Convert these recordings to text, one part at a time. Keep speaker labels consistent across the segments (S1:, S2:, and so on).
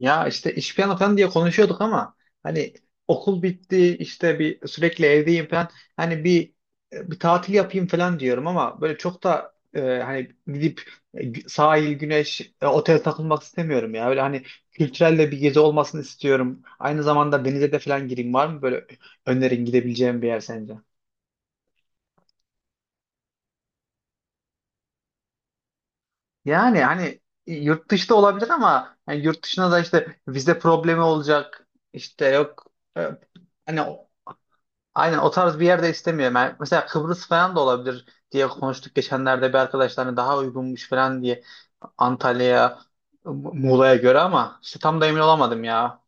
S1: Ya işte iş planı falan diye konuşuyorduk ama hani okul bitti, işte sürekli evdeyim falan. Hani bir bir tatil yapayım falan diyorum, ama böyle çok da hani gidip sahil, güneş, otel takılmak istemiyorum ya. Böyle hani kültürel de bir gezi olmasını istiyorum. Aynı zamanda denize de falan gireyim. Var mı böyle önerin gidebileceğim bir yer sence? Yani hani yurt dışında olabilir, ama hani yurt dışına da işte vize problemi olacak. İşte yok e, hani aynen o tarz bir yerde istemiyorum. Yani mesela Kıbrıs falan da olabilir diye konuştuk geçenlerde, bir arkadaşlarına daha uygunmuş falan diye, Antalya'ya, Muğla'ya göre. Ama işte tam da emin olamadım ya.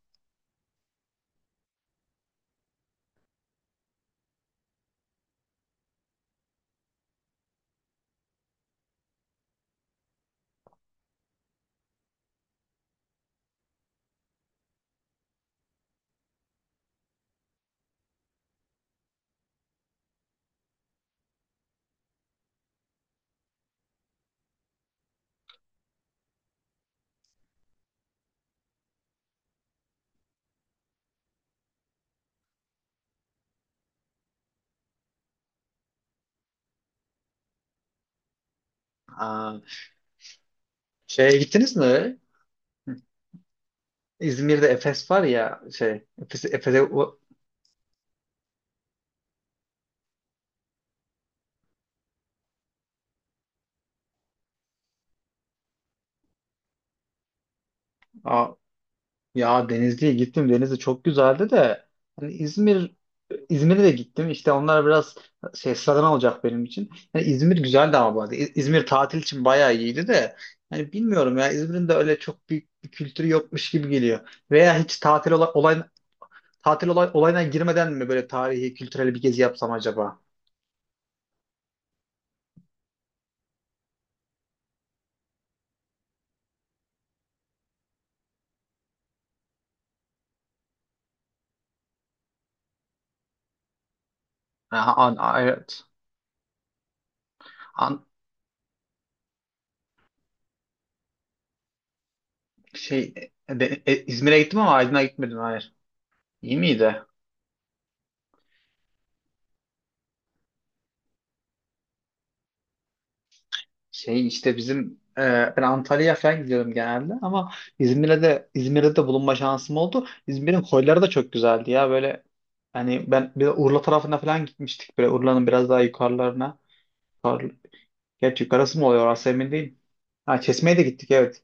S1: Aa, şeye gittiniz mi? İzmir'de Efes var ya, şey Efes, Efes'e. Ya Denizli'ye gittim. Denizli çok güzeldi de hani İzmir'e de gittim. İşte onlar biraz şey, sıradan olacak benim için. Yani İzmir güzeldi ama bu arada. İzmir tatil için bayağı iyiydi de hani bilmiyorum ya, İzmir'in de öyle çok büyük bir kültürü yokmuş gibi geliyor. Veya hiç tatil olay, olay tatil olayına girmeden mi böyle tarihi, kültürel bir gezi yapsam acaba? Aha, evet. An, şey, İzmir'e gittim ama Aydın'a gitmedim. Hayır. İyi miydi? Şey işte bizim ben Antalya'ya falan gidiyorum genelde, ama İzmir'de de bulunma şansım oldu. İzmir'in koyları da çok güzeldi ya böyle. Hani ben bir de Urla tarafına falan gitmiştik, böyle Urla'nın biraz daha yukarılarına. Yukarı, gerçi yukarısı mı oluyor orası emin değilim. Ha, Çeşme'ye de gittik, evet.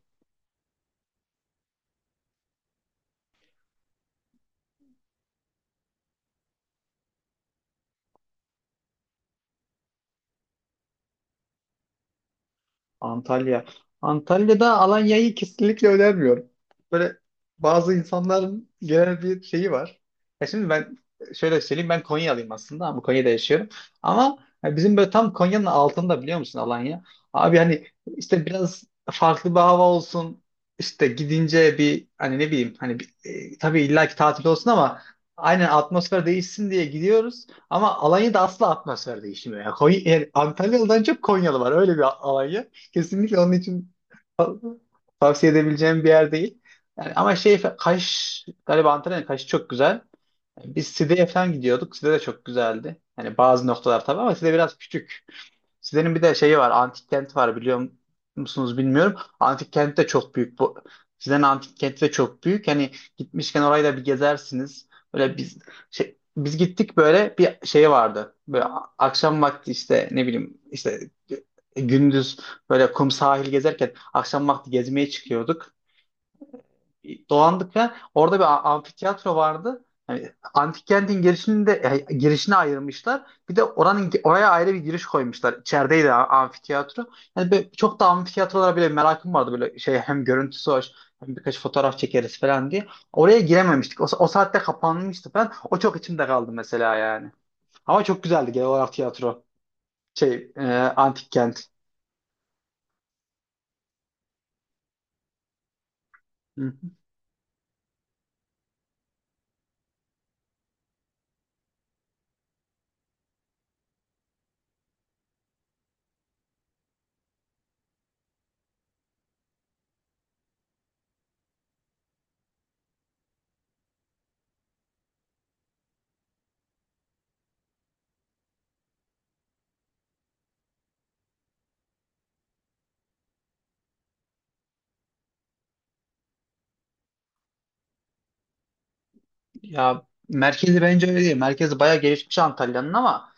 S1: Antalya. Antalya'da Alanya'yı kesinlikle önermiyorum. Böyle bazı insanların genel bir şeyi var. Ya şimdi ben şöyle söyleyeyim, ben Konyalıyım aslında ama Konya'da yaşıyorum. Ama ya bizim böyle tam Konya'nın altında, biliyor musun Alanya? Abi hani işte biraz farklı bir hava olsun. İşte gidince bir hani ne bileyim hani tabii illaki tatil olsun ama aynen atmosfer değişsin diye gidiyoruz. Ama Alanya'da asla atmosfer değişmiyor. Ya Konya, yani Antalyalı'dan çok Konyalı var öyle bir Alanya. Kesinlikle onun için tavsiye edebileceğim bir yer değil. Yani ama şey, Kaş galiba, Antalya'nın Kaş'ı çok güzel. Biz Side'ye falan gidiyorduk. Side de çok güzeldi. Yani bazı noktalar tabii, ama Side biraz küçük. Sizlerin bir de şeyi var, antik kenti var, biliyor musunuz bilmiyorum. Antik kent de çok büyük. Bu, sizlerin antik kenti de çok büyük. Hani gitmişken orayı da bir gezersiniz. Böyle biz şey, biz gittik, böyle bir şey vardı. Böyle akşam vakti işte ne bileyim işte gündüz böyle kum sahil gezerken akşam vakti gezmeye çıkıyorduk, dolandık ve orada bir amfiteyatro vardı. Yani antik kentin girişini de girişini ayırmışlar. Bir de oranın, oraya ayrı bir giriş koymuşlar. İçerideydi amfiteyatro. Yani çok da amfiteyatrolara bile merakım vardı böyle şey, hem görüntüsü hoş hem birkaç fotoğraf çekeriz falan diye. Oraya girememiştik. O saatte kapanmıştı falan. O çok içimde kaldı mesela yani. Ama çok güzeldi genel olarak tiyatro, şey antik kent. Ya merkezi bence öyle değil. Merkezi bayağı gelişmiş Antalya'nın ama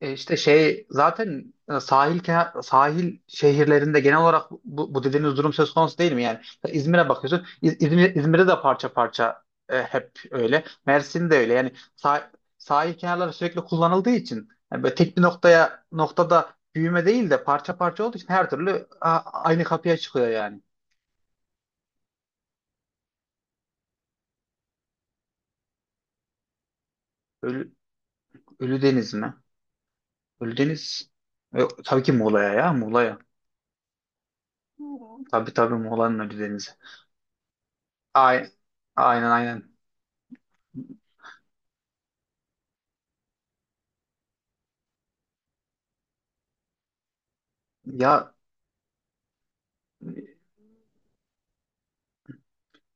S1: işte şey zaten sahil sahil şehirlerinde genel olarak bu dediğiniz durum söz konusu değil mi yani? İzmir'e bakıyorsun. İzmir'de de parça parça hep öyle. Mersin de öyle. Yani sahil kenarları sürekli kullanıldığı için, yani böyle tek bir noktada büyüme değil de parça parça olduğu için, her türlü aynı kapıya çıkıyor yani. Ölü, Ölüdeniz mi? Ölüdeniz e, tabii ki Muğla'ya, ya Muğla'ya. Tabii tabii, Muğla'nın Ölüdeniz'i. Ay, aynen aynen. Ya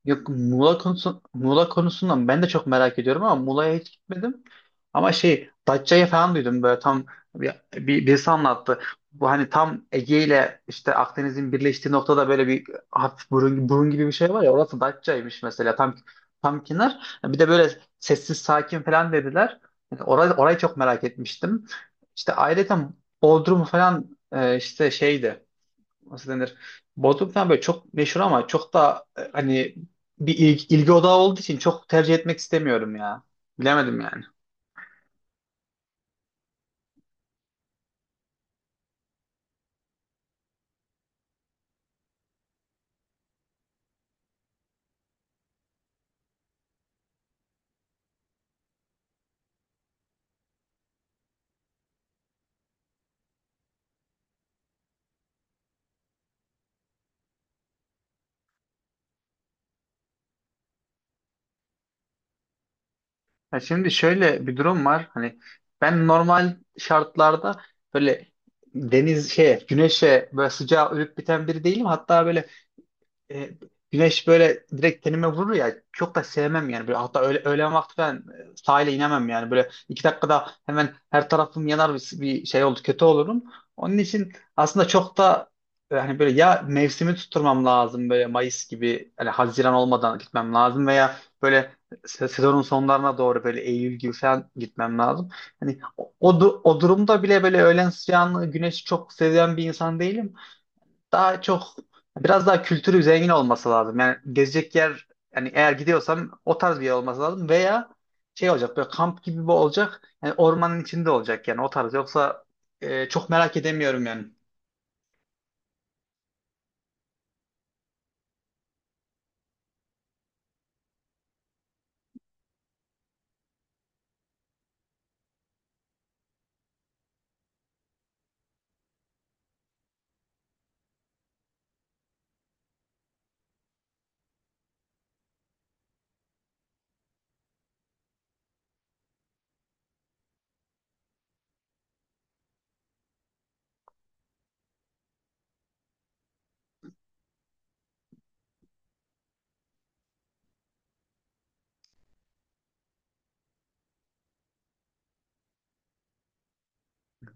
S1: Yok, Muğla konusu, Muğla konusundan ben de çok merak ediyorum ama Muğla'ya hiç gitmedim. Ama şey, Datça'yı falan duydum, böyle tam birisi anlattı. Bu hani tam Ege ile işte Akdeniz'in birleştiği noktada böyle bir hafif burun gibi bir şey var ya, orası Datça'ymış mesela, tam tam kenar. Bir de böyle sessiz sakin falan dediler. Yani orayı çok merak etmiştim. İşte ayrıca Bodrum falan işte şeydi, nasıl denir? Bodrum falan böyle çok meşhur, ama çok da hani bir ilgi odağı olduğu için çok tercih etmek istemiyorum ya. Bilemedim yani. Ya şimdi şöyle bir durum var. Hani ben normal şartlarda böyle deniz şeye, güneşe, böyle sıcağa ölüp biten biri değilim. Hatta böyle e, güneş böyle direkt tenime vurur ya, çok da sevmem yani. Böyle, hatta öğlen vakti ben sahile inemem yani. Böyle iki dakikada hemen her tarafım yanar, bir şey oldu kötü olurum. Onun için aslında çok da yani böyle ya mevsimi tutturmam lazım, böyle Mayıs gibi, hani Haziran olmadan gitmem lazım, veya böyle sezonun sonlarına doğru böyle Eylül gibi falan gitmem lazım. Hani o durumda bile böyle öğlen sıcağını, güneşi çok seven bir insan değilim. Daha çok biraz daha kültürü zengin olması lazım. Yani gezecek yer, yani eğer gidiyorsam o tarz bir yer olması lazım, veya şey olacak, böyle kamp gibi bir olacak. Yani ormanın içinde olacak, yani o tarz. Yoksa çok merak edemiyorum yani.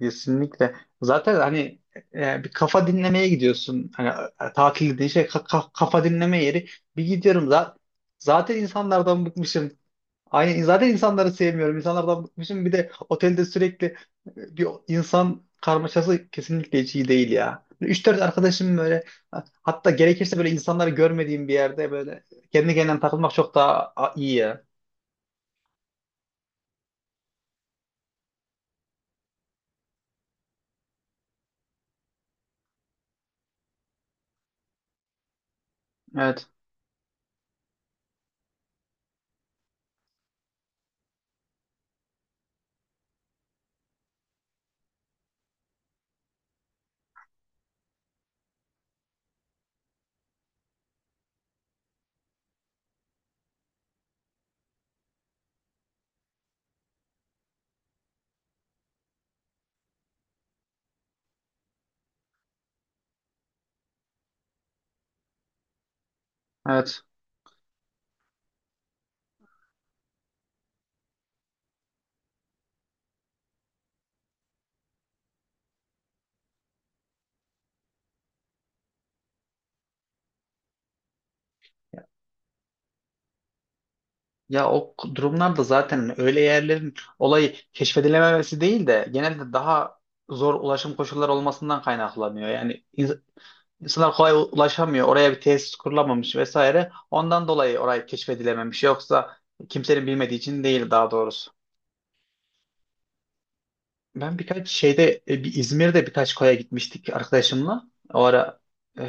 S1: Kesinlikle. Zaten hani bir kafa dinlemeye gidiyorsun. Hani tatil dediğin şey kafa dinleme yeri. Bir gidiyorum zaten insanlardan bıkmışım. Aynen, zaten insanları sevmiyorum. İnsanlardan bıkmışım. Bir de otelde sürekli bir insan karmaşası kesinlikle hiç iyi değil ya. 3-4 arkadaşım böyle, hatta gerekirse böyle insanları görmediğim bir yerde böyle kendi kendine takılmak çok daha iyi ya. Evet, evet. Ya o durumlarda zaten öyle yerlerin olayı keşfedilememesi değil de genelde daha zor ulaşım koşulları olmasından kaynaklanıyor. Yani İnsanlar kolay ulaşamıyor. Oraya bir tesis kurulamamış vesaire. Ondan dolayı orayı keşfedilememiş. Yoksa kimsenin bilmediği için değil daha doğrusu. Ben birkaç şeyde bir İzmir'de birkaç koya gitmiştik arkadaşımla. O ara e,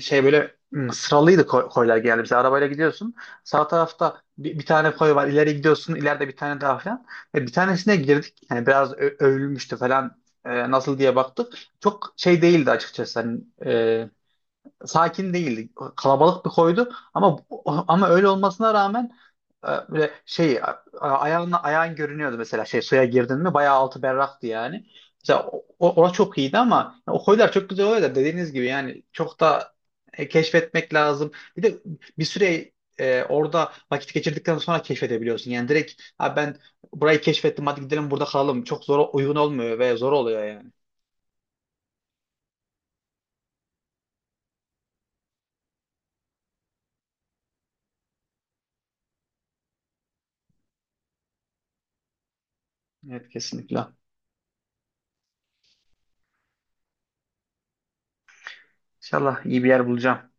S1: şey böyle, hmm, sıralıydı, koylar geldi. Mesela arabayla gidiyorsun. Sağ tarafta bir tane koy var. İleri gidiyorsun, ileride bir tane daha falan. Ve bir tanesine girdik. Yani biraz övülmüştü falan. E, nasıl diye baktık. Çok şey değildi açıkçası. Sakin değildi. Kalabalık bir koydu, ama ama öyle olmasına rağmen böyle şey ayağın görünüyordu mesela, şey suya girdin mi bayağı altı berraktı yani. Mesela orası çok iyiydi, ama o koylar çok güzel oluyor da dediğiniz gibi yani çok da keşfetmek lazım. Bir de bir süre orada vakit geçirdikten sonra keşfedebiliyorsun. Yani direkt ha ben burayı keşfettim hadi gidelim burada kalalım. Çok zor uygun olmuyor ve zor oluyor yani. Evet kesinlikle. İnşallah iyi bir yer bulacağım.